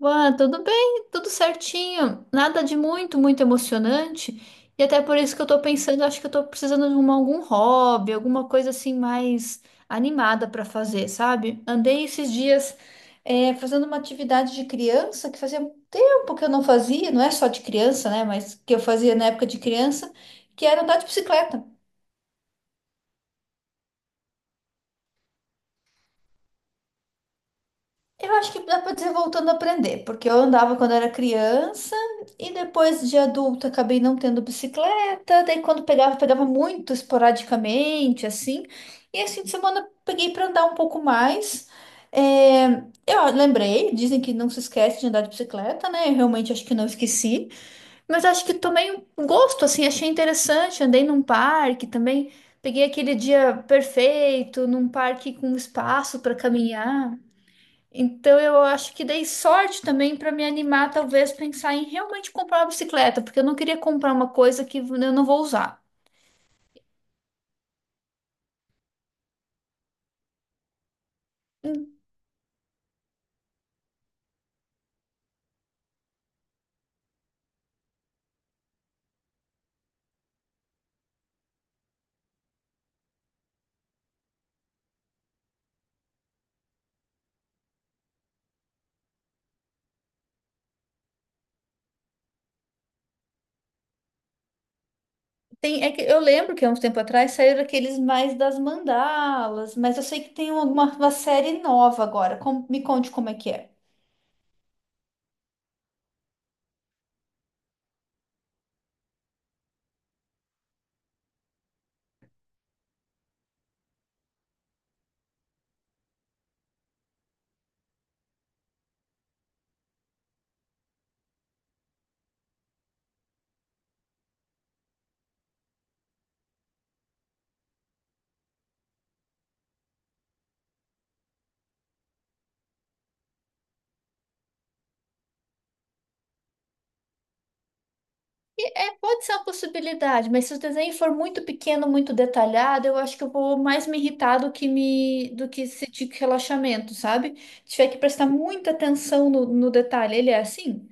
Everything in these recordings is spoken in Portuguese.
Ué, tudo bem, tudo certinho. Nada de muito emocionante. E até por isso que eu tô pensando, acho que eu tô precisando de algum hobby, alguma coisa assim mais animada pra fazer, sabe? Andei esses dias fazendo uma atividade de criança que fazia tempo que eu não fazia, não é só de criança, né? Mas que eu fazia na época de criança, que era andar de bicicleta. Eu acho que dá para dizer voltando a aprender, porque eu andava quando era criança e depois de adulta acabei não tendo bicicleta, daí quando pegava muito esporadicamente, assim. E esse fim de semana peguei para andar um pouco mais. É, eu lembrei, dizem que não se esquece de andar de bicicleta, né? Eu realmente acho que não esqueci, mas acho que tomei um gosto, assim, achei interessante. Andei num parque também, peguei aquele dia perfeito, num parque com espaço para caminhar. Então eu acho que dei sorte também para me animar, talvez pensar em realmente comprar uma bicicleta, porque eu não queria comprar uma coisa que eu não vou usar. Tem, é que eu lembro que há uns tempo atrás saíram aqueles mais das mandalas, mas eu sei que tem uma série nova agora. Me conte como é que é. É, pode ser uma possibilidade, mas se o desenho for muito pequeno, muito detalhado, eu acho que eu vou mais me irritar do que sentir relaxamento, sabe? Tiver que prestar muita atenção no detalhe. Ele é assim?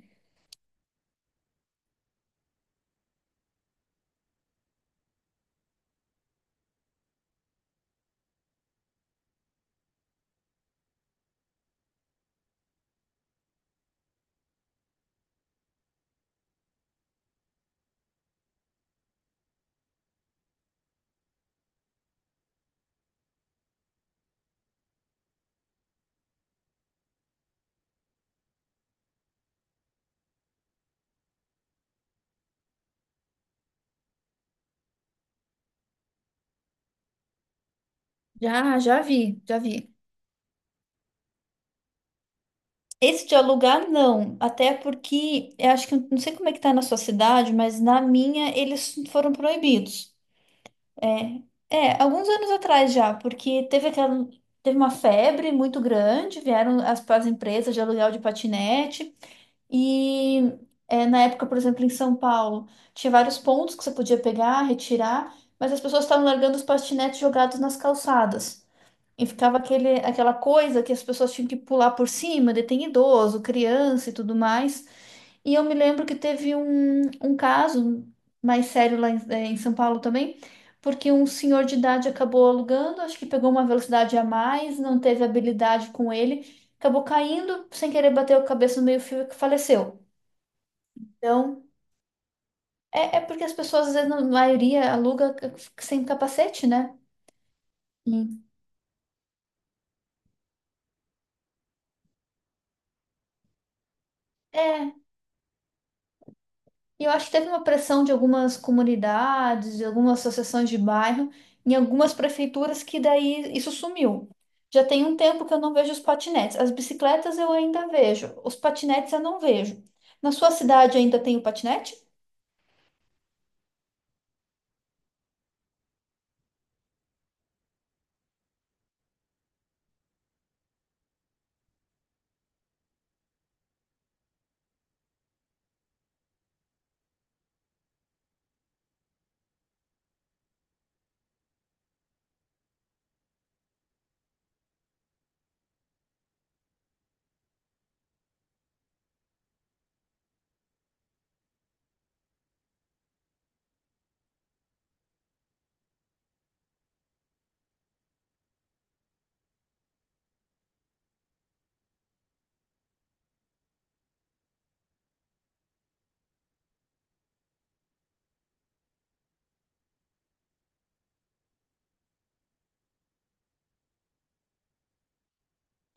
Já vi. Esse de alugar, não. Até porque, eu acho que, não sei como é que tá na sua cidade, mas na minha eles foram proibidos. É, Alguns anos atrás já, porque teve uma febre muito grande, vieram as empresas de aluguel de patinete e na época, por exemplo, em São Paulo, tinha vários pontos que você podia pegar, retirar, mas as pessoas estavam largando os patinetes jogados nas calçadas. E ficava aquela coisa que as pessoas tinham que pular por cima, daí tem idoso, criança e tudo mais. E eu me lembro que teve um caso mais sério lá em, em São Paulo também, porque um senhor de idade acabou alugando, acho que pegou uma velocidade a mais, não teve habilidade com ele, acabou caindo, sem querer bateu a cabeça no meio-fio e faleceu. Então, é porque as pessoas, às vezes, na maioria, sem capacete, né? Sim. É, e eu acho que teve uma pressão de algumas comunidades, de algumas associações de bairro, em algumas prefeituras que daí isso sumiu. Já tem um tempo que eu não vejo os patinetes. As bicicletas eu ainda vejo, os patinetes eu não vejo. Na sua cidade ainda tem o patinete?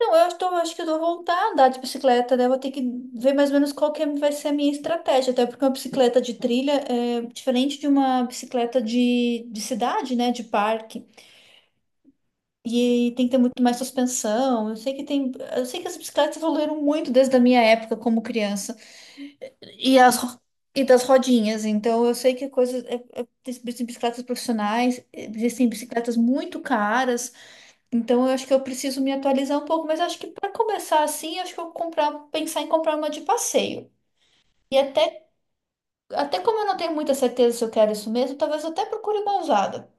Não, eu estou, acho que eu vou voltar a andar de bicicleta, né? Eu vou ter que ver mais ou menos qual que vai ser a minha estratégia, até porque uma bicicleta de trilha é diferente de uma bicicleta de cidade, né? De parque. E tem que ter muito mais suspensão. Eu sei que tem, eu sei que as bicicletas evoluíram muito desde a minha época como criança. E das rodinhas. Então eu sei que existem bicicletas profissionais, existem bicicletas muito caras. Então eu acho que eu preciso me atualizar um pouco, mas acho que para começar assim, acho que eu vou comprar, pensar em comprar uma de passeio. E até como eu não tenho muita certeza se eu quero isso mesmo, talvez eu até procure uma usada.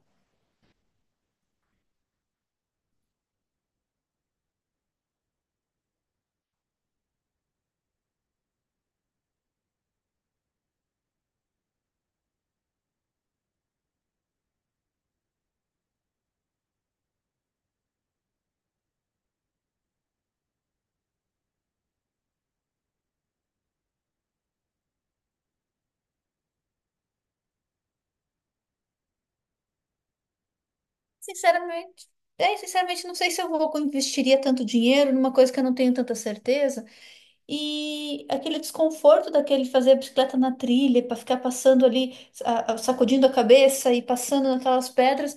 Sinceramente, não sei se eu vou investiria tanto dinheiro numa coisa que eu não tenho tanta certeza. E aquele desconforto daquele fazer a bicicleta na trilha, para ficar passando ali, sacudindo a cabeça e passando naquelas pedras,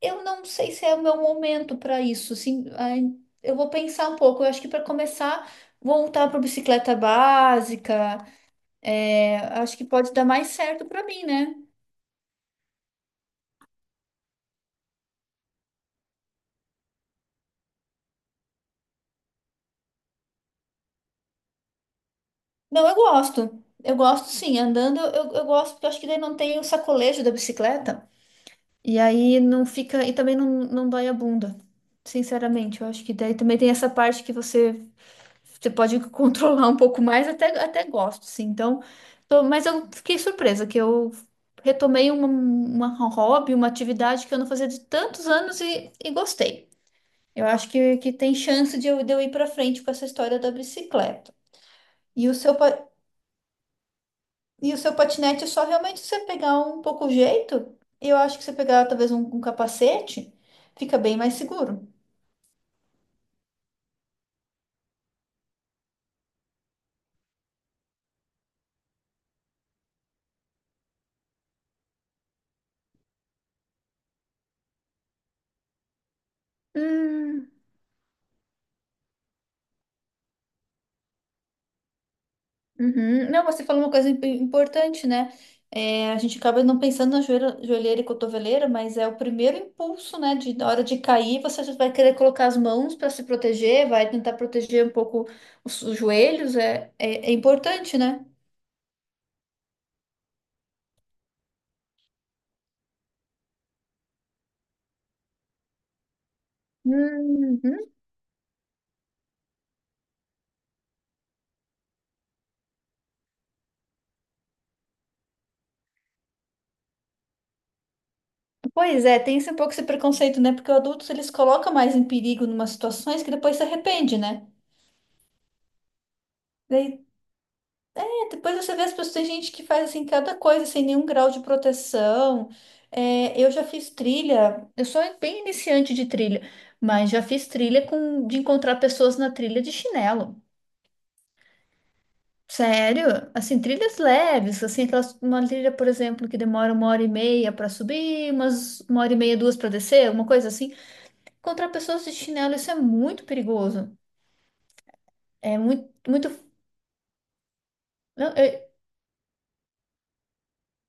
eu não sei se é o meu momento para isso. Assim, ai, eu vou pensar um pouco. Eu acho que para começar, voltar para bicicleta básica, acho que pode dar mais certo para mim, né? Não, eu gosto. Eu gosto sim. Andando eu gosto, porque eu acho que daí não tem o sacolejo da bicicleta. E aí não fica. E também não dói a bunda. Sinceramente, eu acho que daí também tem essa parte que você, você pode controlar um pouco mais, até gosto, sim. Então, mas eu fiquei surpresa que eu retomei uma hobby, uma atividade que eu não fazia de tantos anos e gostei. Eu acho que tem chance de eu ir para frente com essa história da bicicleta. E o seu. E o seu patinete é só realmente você pegar um pouco o jeito. Eu acho que você pegar talvez um capacete, fica bem mais seguro. Hum, uhum. Não, você falou uma coisa importante, né? É, a gente acaba não pensando na joelheira, joelheira e cotoveleira, mas é o primeiro impulso, né? De, na hora de cair, você já vai querer colocar as mãos para se proteger, vai tentar proteger um pouco os joelhos. É importante, né? Hum, pois é, tem esse um pouco esse preconceito, né? Porque os adultos eles colocam mais em perigo em umas situações que depois se arrepende, né? Daí, depois você vê as pessoas, tem gente que faz assim cada coisa sem nenhum grau de proteção. É, eu já fiz trilha, eu sou bem iniciante de trilha, mas já fiz trilha com de encontrar pessoas na trilha de chinelo. Sério? Assim, trilhas leves, assim, aquelas, uma trilha, por exemplo, que demora uma hora e meia para subir, umas uma hora e meia, duas para descer, uma coisa assim. Encontrar pessoas de chinelo, isso é muito perigoso. É muito, muito, não, é,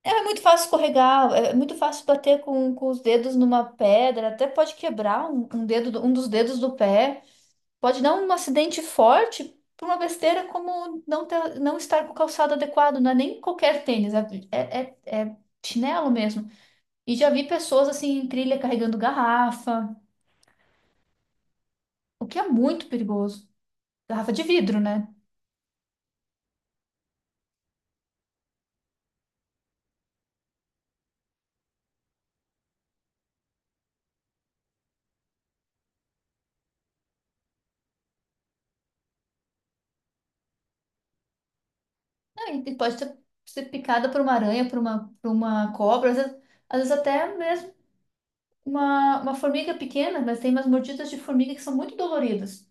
é muito fácil escorregar, é muito fácil bater com os dedos numa pedra, até pode quebrar um dedo, um dos dedos do pé, pode dar um acidente forte por uma besteira como não ter, não estar com o calçado adequado, não é nem qualquer tênis, é chinelo mesmo. E já vi pessoas assim em trilha carregando garrafa, o que é muito perigoso. Garrafa de vidro, né? E pode ser picada por uma aranha, por por uma cobra, às vezes até mesmo uma formiga pequena, mas tem umas mordidas de formiga que são muito doloridas.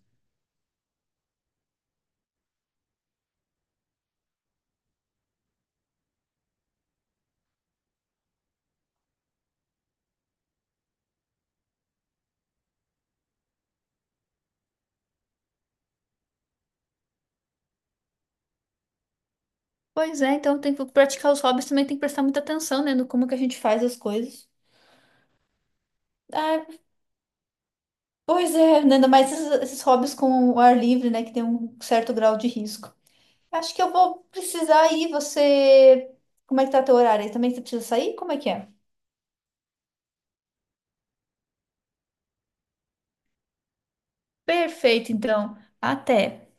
Pois é, então tem que praticar os hobbies também tem que prestar muita atenção, né, no como que a gente faz as coisas. Ah, pois é, né, ainda mais esses hobbies com o ar livre, né, que tem um certo grau de risco. Acho que eu vou precisar ir, você... Como é que tá teu horário aí? Também você precisa sair? Como é que é? Perfeito, então. Até.